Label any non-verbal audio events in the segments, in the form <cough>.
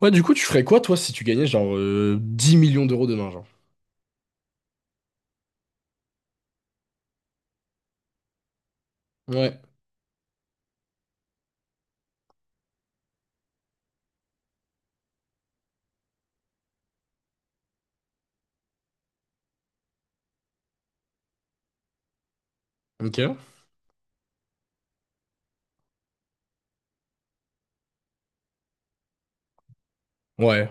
Ouais, du coup, tu ferais quoi, toi, si tu gagnais genre 10 millions d'euros demain, genre? Ouais. Ok. Ouais.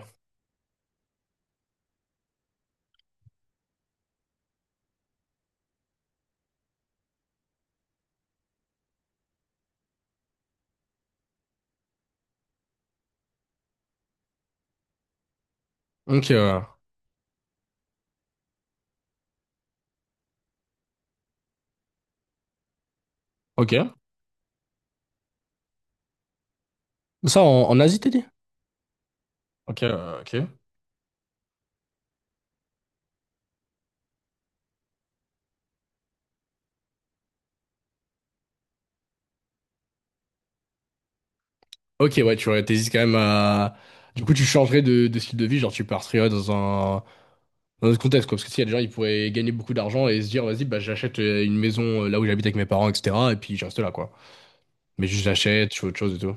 Ok. Ok. Ça, en Asie, t'as dit? Ok. Ok. Ok, ouais, t'hésites quand même à. Du coup, tu changerais de style de vie, genre tu partirais ouais, dans un autre contexte, quoi. Parce que s'il y a des gens, ils pourraient gagner beaucoup d'argent et se dire, vas-y, bah, j'achète une maison là où j'habite avec mes parents, etc. Et puis je reste là, quoi. Mais juste j'achète, je fais autre chose et tout.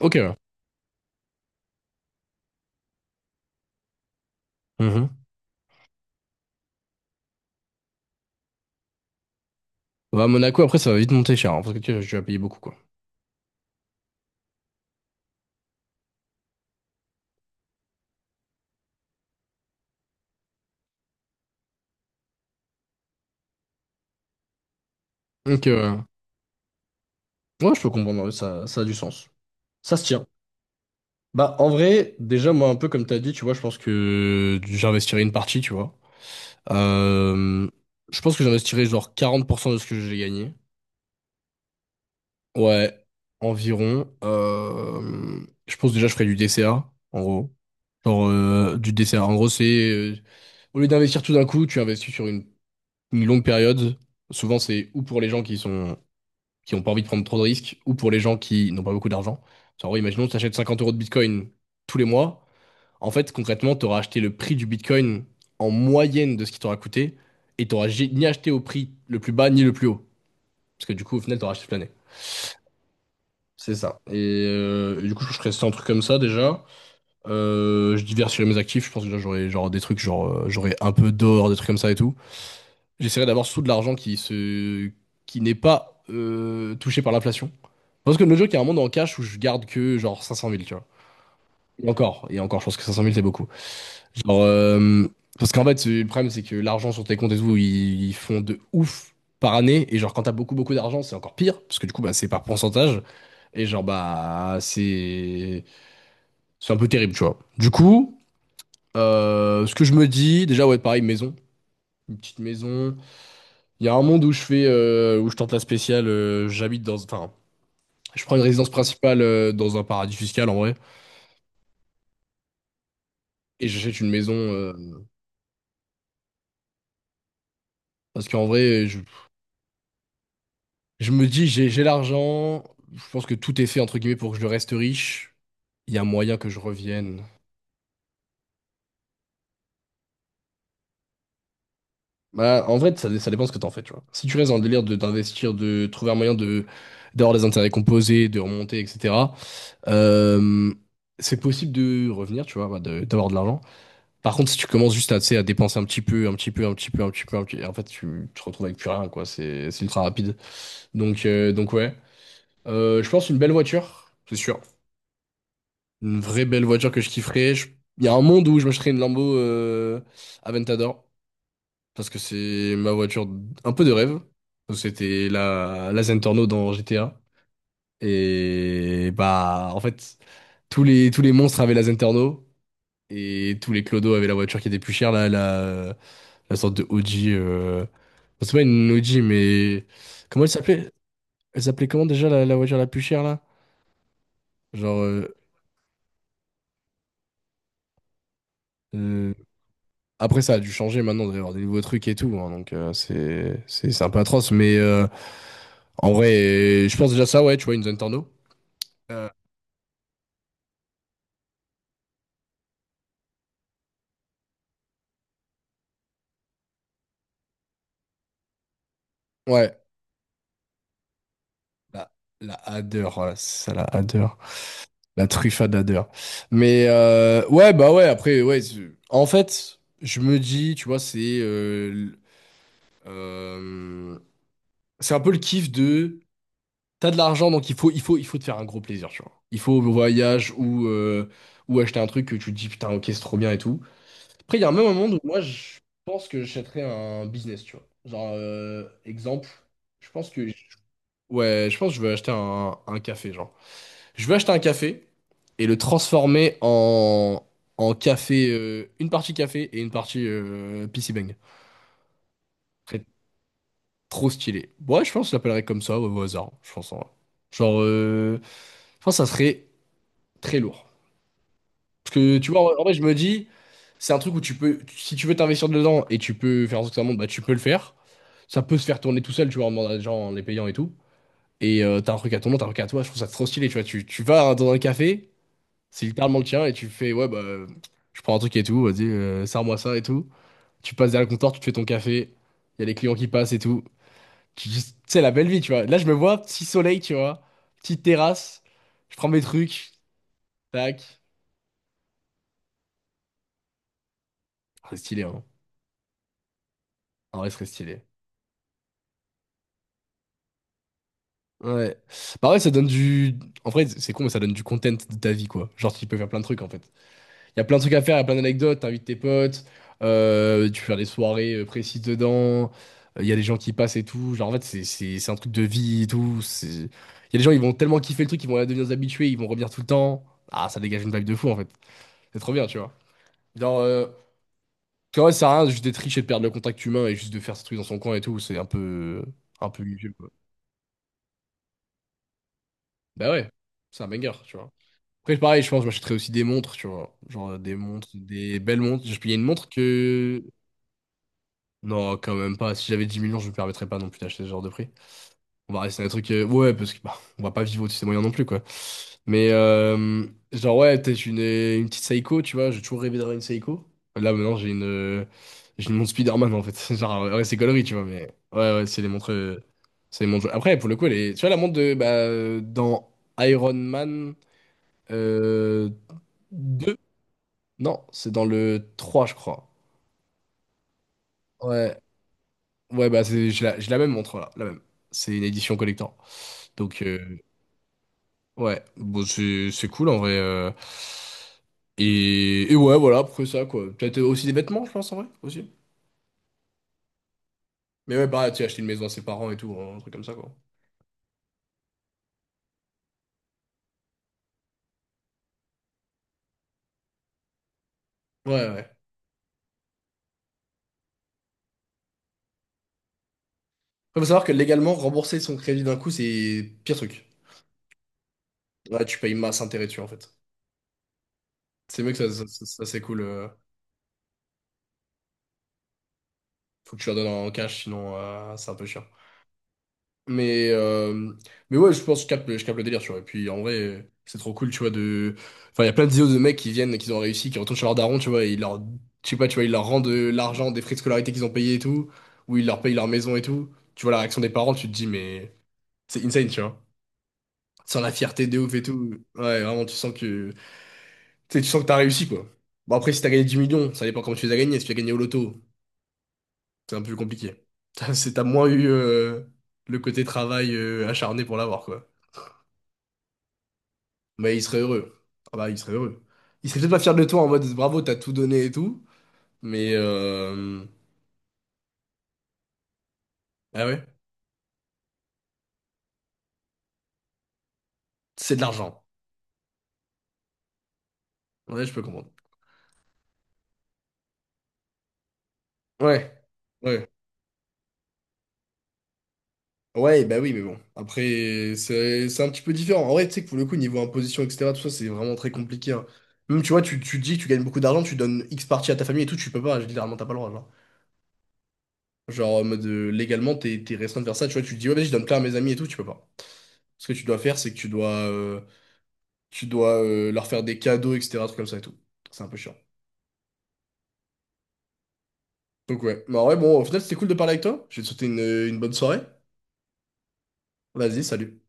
Ok, ouais. Mhm. Ouais, à Monaco, après, ça va vite monter cher, hein, parce que tu vas payer beaucoup, quoi. Donc, ouais, je peux comprendre, ouais, ça a du sens. Ça se tient. Bah, en vrai, déjà, moi, un peu comme t'as dit, tu vois, je pense que j'investirais une partie, tu vois. Euh, je pense que j'investirais genre 40% de ce que j'ai gagné. Ouais, environ. Je pense déjà, je ferais du DCA, en gros. Genre, du DCA. En gros, c'est, euh, au lieu d'investir tout d'un coup, tu investis sur une longue période. Souvent, c'est ou pour les gens qui sont, qui ont pas envie de prendre trop de risques, ou pour les gens qui n'ont pas beaucoup d'argent. En gros, imaginons que tu achètes 50 € de Bitcoin tous les mois. En fait, concrètement, tu auras acheté le prix du Bitcoin en moyenne de ce qui t'aura coûté et tu n'auras ni acheté au prix le plus bas ni le plus haut. Parce que du coup, au final, tu auras acheté toute l'année. C'est ça. Et, du coup, je ferais 100 trucs comme ça déjà. Je diversifierais mes actifs. Je pense que déjà, j'aurais genre des trucs, genre j'aurais un peu d'or, des trucs comme ça et tout. J'essaierais d'avoir sous de l'argent qui n'est pas touché par l'inflation. Parce que le joke, il y a un monde en cash où je garde que genre 500 000, tu vois. Et encore, je pense que 500 000, c'est beaucoup. Genre, parce qu'en fait, le problème, c'est que l'argent sur tes comptes et tout, ils font de ouf par année. Et genre, quand t'as beaucoup, beaucoup d'argent, c'est encore pire. Parce que du coup, bah, c'est par pourcentage. Et genre, bah, c'est un peu terrible, tu vois. Du coup, ce que je me dis, déjà, ouais, pareil, maison. Une petite maison. Il y a un monde où je fais, où je tente la spéciale. J'habite dans, enfin, je prends une résidence principale dans un paradis fiscal, en vrai. Et j'achète une maison. Parce qu'en vrai, je me dis, j'ai l'argent. Je pense que tout est fait, entre guillemets, pour que je reste riche. Il y a moyen que je revienne. Bah, en vrai, ça dépend ce que t'en fais, tu vois. Si tu restes dans le délire de d'investir, de trouver un moyen de d'avoir des intérêts composés, de remonter, etc., euh, c'est possible de revenir, tu vois, bah, d'avoir de l'argent. Par contre, si tu commences juste à, tu sais, à dépenser un petit peu, un petit peu, un petit peu, un petit peu, un petit... en fait, tu te retrouves avec plus rien, quoi. C'est ultra rapide. Donc ouais. Je pense une belle voiture, c'est sûr. Une vraie belle voiture que je kifferais. Il y a un monde où je m'achèterais une Lambo Aventador parce que c'est ma voiture un peu de rêve. C'était la Zentorno dans GTA. Et bah, en fait, tous les monstres avaient la Zentorno et tous les clodos avaient la voiture qui était plus chère, la sorte de Audi. C'est pas une Audi, mais comment elle s'appelait? Elle s'appelait comment déjà la voiture la plus chère là? Genre. Euh, Après, ça a dû changer maintenant, il doit y avoir des nouveaux trucs et tout, hein, donc c'est un peu atroce, mais en vrai, je pense déjà ça, ouais, tu vois, une zone torno. Euh, ouais, la, la Hader, voilà, c'est ça, la Hader, la truffade Hader. Mais ouais, bah ouais, après, ouais, en fait, je me dis, tu vois, euh, c'est un peu le kiff de t'as de l'argent, donc il faut te faire un gros plaisir, tu vois. Il faut au voyage ou acheter un truc que tu te dis putain, ok, c'est trop bien et tout. Après, il y a un même moment où moi, je pense que j'achèterais un business, tu vois. Genre, exemple, je pense que... Ouais, je pense que je vais acheter un café, genre. Je vais acheter un café et le transformer en une partie café et une partie PC Bang. Ce serait trop stylé. Ouais, je pense que je l'appellerais comme ça, ouais, au hasard, je pense, en vrai. Genre, je pense que ça serait très lourd. Parce que tu vois, en vrai, je me dis, c'est un truc où tu peux, si tu veux t'investir dedans et tu peux faire en sorte que ça monte, bah tu peux le faire. Ça peut se faire tourner tout seul, tu vois, en demandant à des gens, en les payant et tout. Et t'as un truc à ton nom, t'as un truc à toi, je trouve ça trop stylé, tu vois. Tu vas dans un café, c'est littéralement le tien, et tu fais, ouais, bah, je prends un truc et tout, vas-y, sers-moi ça et tout. Tu passes derrière le comptoir, tu te fais ton café, il y a les clients qui passent et tout. Tu dis, c'est la belle vie, tu vois. Là, je me vois, petit soleil, tu vois, petite terrasse, je prends mes trucs, tac. Ah, c'est stylé, hein. En vrai, ce serait stylé. Ouais. Bah ouais, ça donne du... En vrai, c'est con, mais ça donne du content de ta vie, quoi. Genre, tu peux faire plein de trucs, en fait. Il y a plein de trucs à faire, il y a plein d'anecdotes, t'invites tes potes, tu peux faire des soirées précises dedans, il y a des gens qui passent et tout. Genre, en fait, c'est un truc de vie et tout. Il y a des gens, ils vont tellement kiffer le truc, ils vont devenir des habitués, ils vont revenir tout le temps. Ah, ça dégage une vibe de fou, en fait. C'est trop bien, tu vois. Genre, parce que, ouais, ça sert à rien de juste d'être riche et de perdre le contact humain et juste de faire ce truc dans son coin et tout. C'est un peu vieux, quoi. Bah ouais, c'est un banger, tu vois. Après, pareil, je pense que je m'achèterais aussi des montres, tu vois. Genre des montres, des belles montres. Il y a une montre que. Non, quand même pas. Si j'avais 10 millions, je me permettrais pas non plus d'acheter ce genre de prix. On va rester dans un truc. Ouais, parce que bah, on va pas vivre au-dessus des moyens non plus, quoi. Mais genre, ouais, peut-être une petite Seiko, tu vois. J'ai toujours rêvé d'avoir une Seiko. Là, maintenant, j'ai une montre Spider-Man, en fait. <laughs> Genre, ouais, c'est gaulerie, tu vois. Mais ouais, ouais, c'est les montres. C'est les montres. Après, pour le coup, tu vois, la montre de. Bah, dans Iron Man. Euh... Non, c'est dans le 3, je crois. Ouais, ouais, bah j'ai la même montre là, la même. C'est une édition collector. Donc ouais, bon c'est cool en vrai. Et, ouais, voilà, après ça quoi. Peut-être aussi des vêtements, je pense en vrai aussi. Mais ouais, bah tu sais, acheter une maison à ses parents et tout, hein, un truc comme ça quoi. Ouais, ouais. Faut savoir que légalement, rembourser son crédit d'un coup, c'est pire truc. Ouais, tu payes masse intérêt dessus en fait. C'est mieux que ça, c'est cool. Faut que tu leur donnes en cash, sinon c'est un peu chiant. Mais, euh, mais ouais, je pense que je capte, je capte le délire, tu vois. Et puis en vrai, c'est trop cool, tu vois, de. Enfin, il y a plein de vidéos de mecs qui viennent, qui ont réussi, qui retournent chez leur daron, tu vois, et ils leur. Je sais pas, tu vois, ils leur rendent de l'argent, des frais de scolarité qu'ils ont payés et tout, ou ils leur payent leur maison et tout. Tu vois la réaction des parents, tu te dis, mais c'est insane, tu vois. Tu sens la fierté de ouf et tout. Ouais, vraiment, tu sens que. Tu sais, tu sens que t'as réussi, quoi. Bon, après, si t'as gagné 10 millions, ça dépend comment tu les as gagnés. Si tu as gagné au loto, c'est un peu plus compliqué. <laughs> T'as moins eu le côté travail acharné pour l'avoir, quoi. Mais il serait heureux. Ah bah, il serait heureux. Il serait peut-être pas fier de toi en mode bravo, t'as tout donné et tout. Mais Ah ouais, c'est de l'argent. Ouais, je peux comprendre. Ouais, ouais. Ouais, bah oui, mais bon. Après, c'est un petit peu différent. En vrai, tu sais que pour le coup, niveau imposition, etc., tout ça, c'est vraiment très compliqué, hein. Même, tu vois, tu dis que tu gagnes beaucoup d'argent, tu donnes X partie à ta famille et tout, tu peux pas, littéralement, t'as pas le droit, genre. Genre, en mode, légalement, t'es restreint de faire ça, tu vois, tu te dis, ouais, vas-y, je donne plein à mes amis et tout, tu peux pas. Ce que tu dois faire, c'est que tu dois leur faire des cadeaux, etc. Trucs comme ça et tout. C'est un peu chiant. Donc ouais. Mais en vrai, bon, au final, c'était cool de parler avec toi. Je vais te souhaiter une bonne soirée. Vas-y, salut.